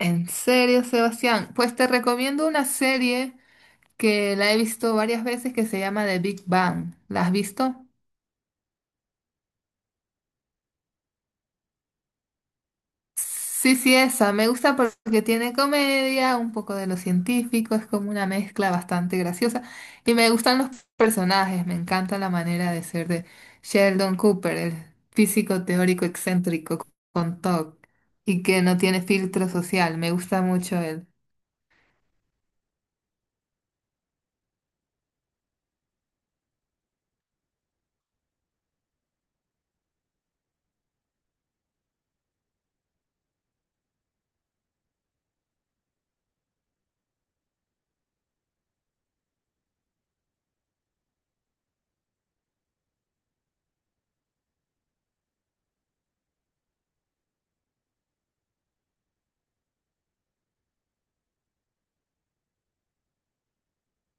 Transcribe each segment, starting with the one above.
En serio, Sebastián, pues te recomiendo una serie que la he visto varias veces que se llama The Big Bang. ¿La has visto? Sí, sí, esa. Me gusta porque tiene comedia, un poco de lo científico, es como una mezcla bastante graciosa. Y me gustan los personajes, me encanta la manera de ser de Sheldon Cooper, el físico teórico excéntrico con TOC y que no tiene filtro social. Me gusta mucho.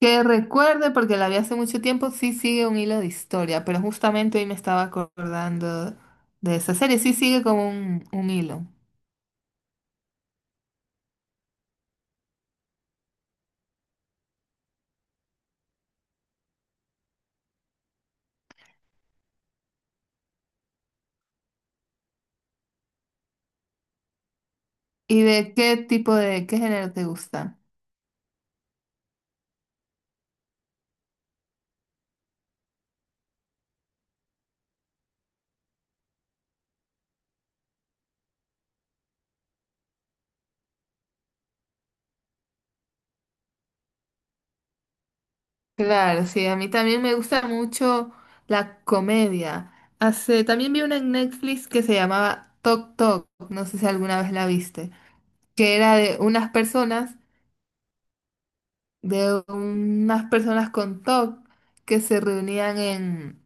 Que recuerde, porque la vi hace mucho tiempo, sí sigue un hilo de historia, pero justamente hoy me estaba acordando de esa serie, sí sigue como un hilo. ¿Y de qué tipo de, qué género te gusta? Claro, sí, a mí también me gusta mucho la comedia. Hace, también vi una en Netflix que se llamaba Tok Tok, no sé si alguna vez la viste, que era de unas personas con TOC que se reunían en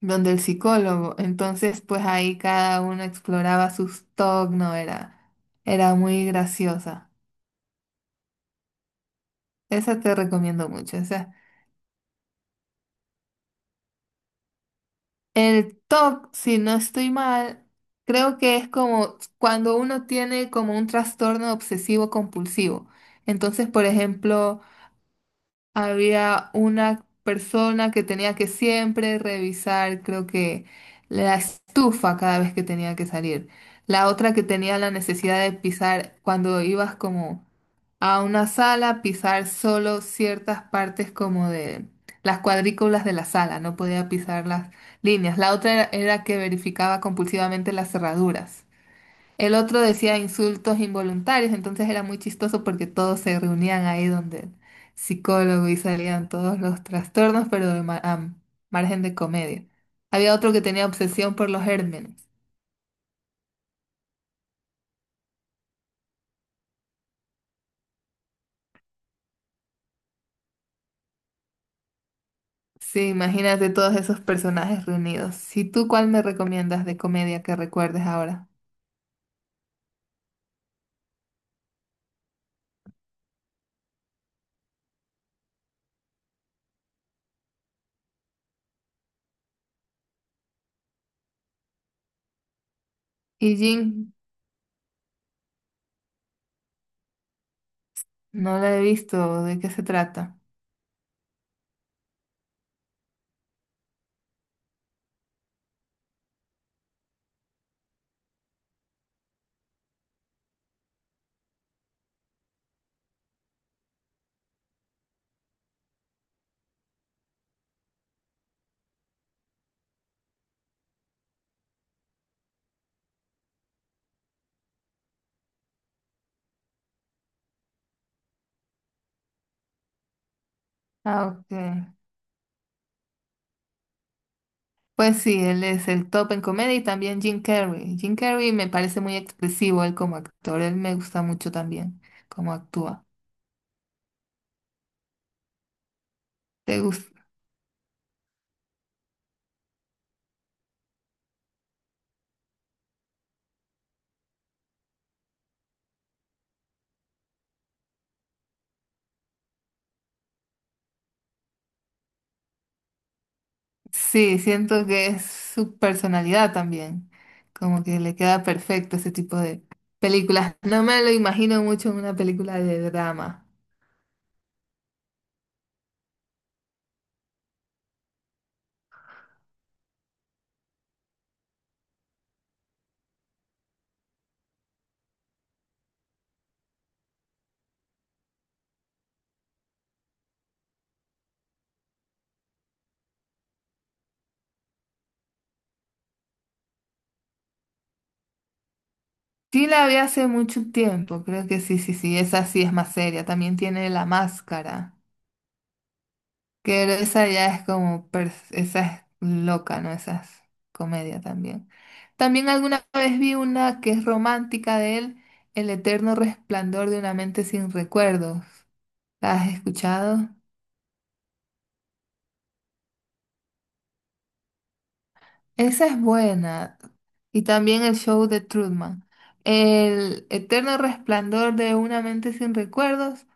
donde el psicólogo. Entonces, pues ahí cada uno exploraba sus TOC, no era, era muy graciosa. Esa te recomiendo mucho. O sea, el TOC, si no estoy mal, creo que es como cuando uno tiene como un trastorno obsesivo compulsivo. Entonces, por ejemplo, había una persona que tenía que siempre revisar, creo que la estufa cada vez que tenía que salir. La otra que tenía la necesidad de pisar cuando ibas como a una sala, pisar solo ciertas partes como de las cuadrículas de la sala, no podía pisar las líneas. La otra era que verificaba compulsivamente las cerraduras. El otro decía insultos involuntarios, entonces era muy chistoso porque todos se reunían ahí donde el psicólogo y salían todos los trastornos, pero a margen de comedia. Había otro que tenía obsesión por los gérmenes. Sí, imagínate todos esos personajes reunidos. Si tú, ¿cuál me recomiendas de comedia que recuerdes ahora? Y Jin, no la he visto, ¿de qué se trata? Ah, ok. Pues sí, él es el top en comedia y también Jim Carrey. Jim Carrey me parece muy expresivo él como actor, él me gusta mucho también cómo actúa. ¿Te gusta? Sí, siento que es su personalidad también, como que le queda perfecto ese tipo de películas. No me lo imagino mucho en una película de drama. Sí la vi hace mucho tiempo, creo que sí, sí, sí, esa sí es más seria. También tiene La Máscara. Que esa ya es como, esa es loca, ¿no? Esa es comedia también. También alguna vez vi una que es romántica de él, El eterno resplandor de una mente sin recuerdos. ¿La has escuchado? Esa es buena. Y también el show de Truman. El eterno resplandor de una mente sin recuerdos,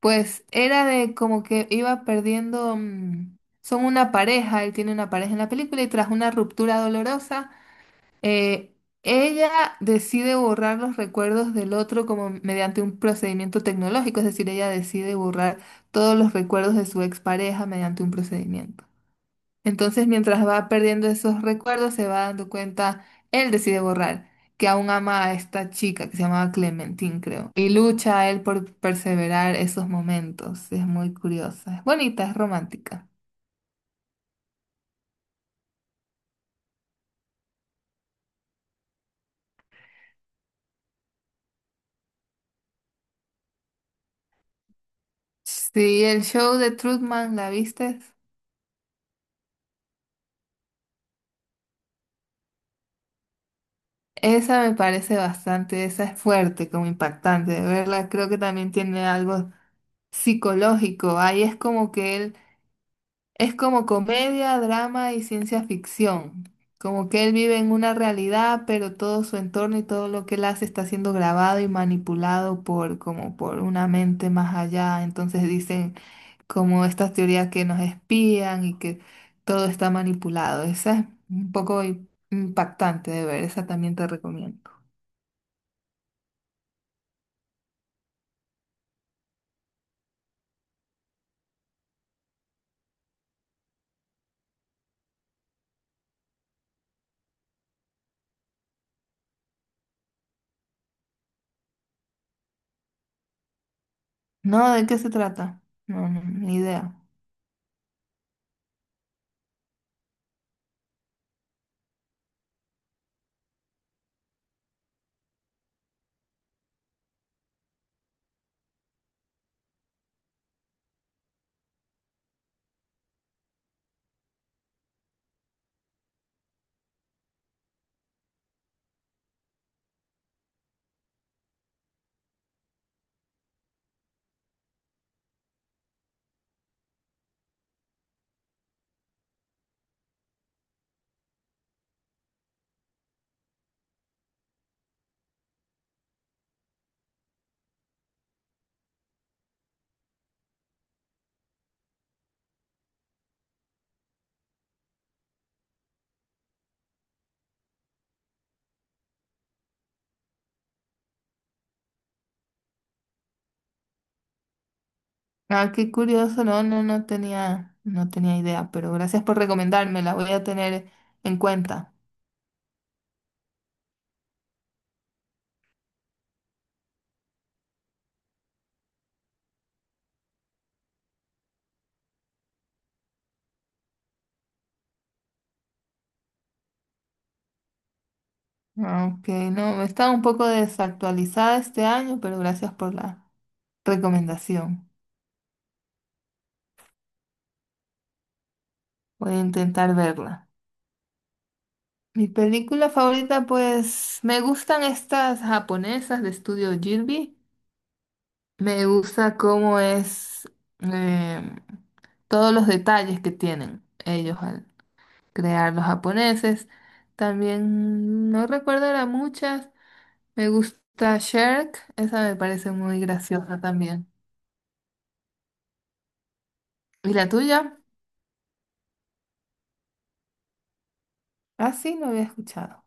pues era de como que iba perdiendo, son una pareja, él tiene una pareja en la película y tras una ruptura dolorosa. Eh, ella decide borrar los recuerdos del otro como mediante un procedimiento tecnológico, es decir, ella decide borrar todos los recuerdos de su expareja mediante un procedimiento. Entonces, mientras va perdiendo esos recuerdos, se va dando cuenta, él decide borrar, que aún ama a esta chica que se llamaba Clementine, creo, y lucha a él por perseverar esos momentos. Es muy curiosa, es bonita, es romántica. Sí, el show de Truman, ¿la viste? Esa me parece bastante, esa es fuerte, como impactante de verla. Creo que también tiene algo psicológico. Ahí es como que él, es como comedia, drama y ciencia ficción. Como que él vive en una realidad, pero todo su entorno y todo lo que él hace está siendo grabado y manipulado por, como por una mente más allá. Entonces dicen como estas teorías que nos espían y que todo está manipulado. Esa es un poco impactante de ver, esa también te recomiendo. No, ¿de qué se trata? No, no, ni idea. Ah, qué curioso, no, no, no tenía, no tenía idea, pero gracias por recomendarme, la voy a tener en cuenta. Aunque no, estaba un poco desactualizada este año, pero gracias por la recomendación. Voy a intentar verla. Mi película favorita, pues, me gustan estas japonesas de estudio Ghibli. Me gusta cómo es em, todos los detalles que tienen ellos crear los japoneses. También no recuerdo ahora muchas. Me gusta Shrek, esa me parece muy graciosa también. ¿Y la tuya? Ah, sí, no había escuchado.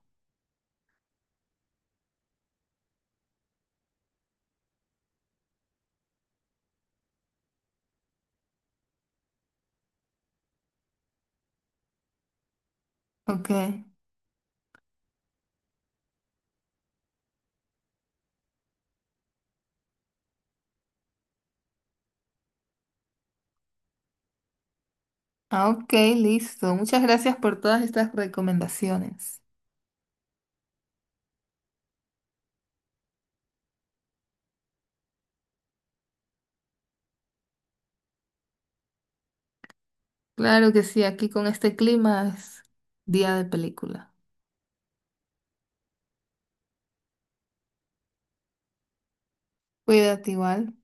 Ok. Ah, ok, listo. Muchas gracias por todas estas recomendaciones. Claro que sí, aquí con este clima es día de película. Cuídate igual.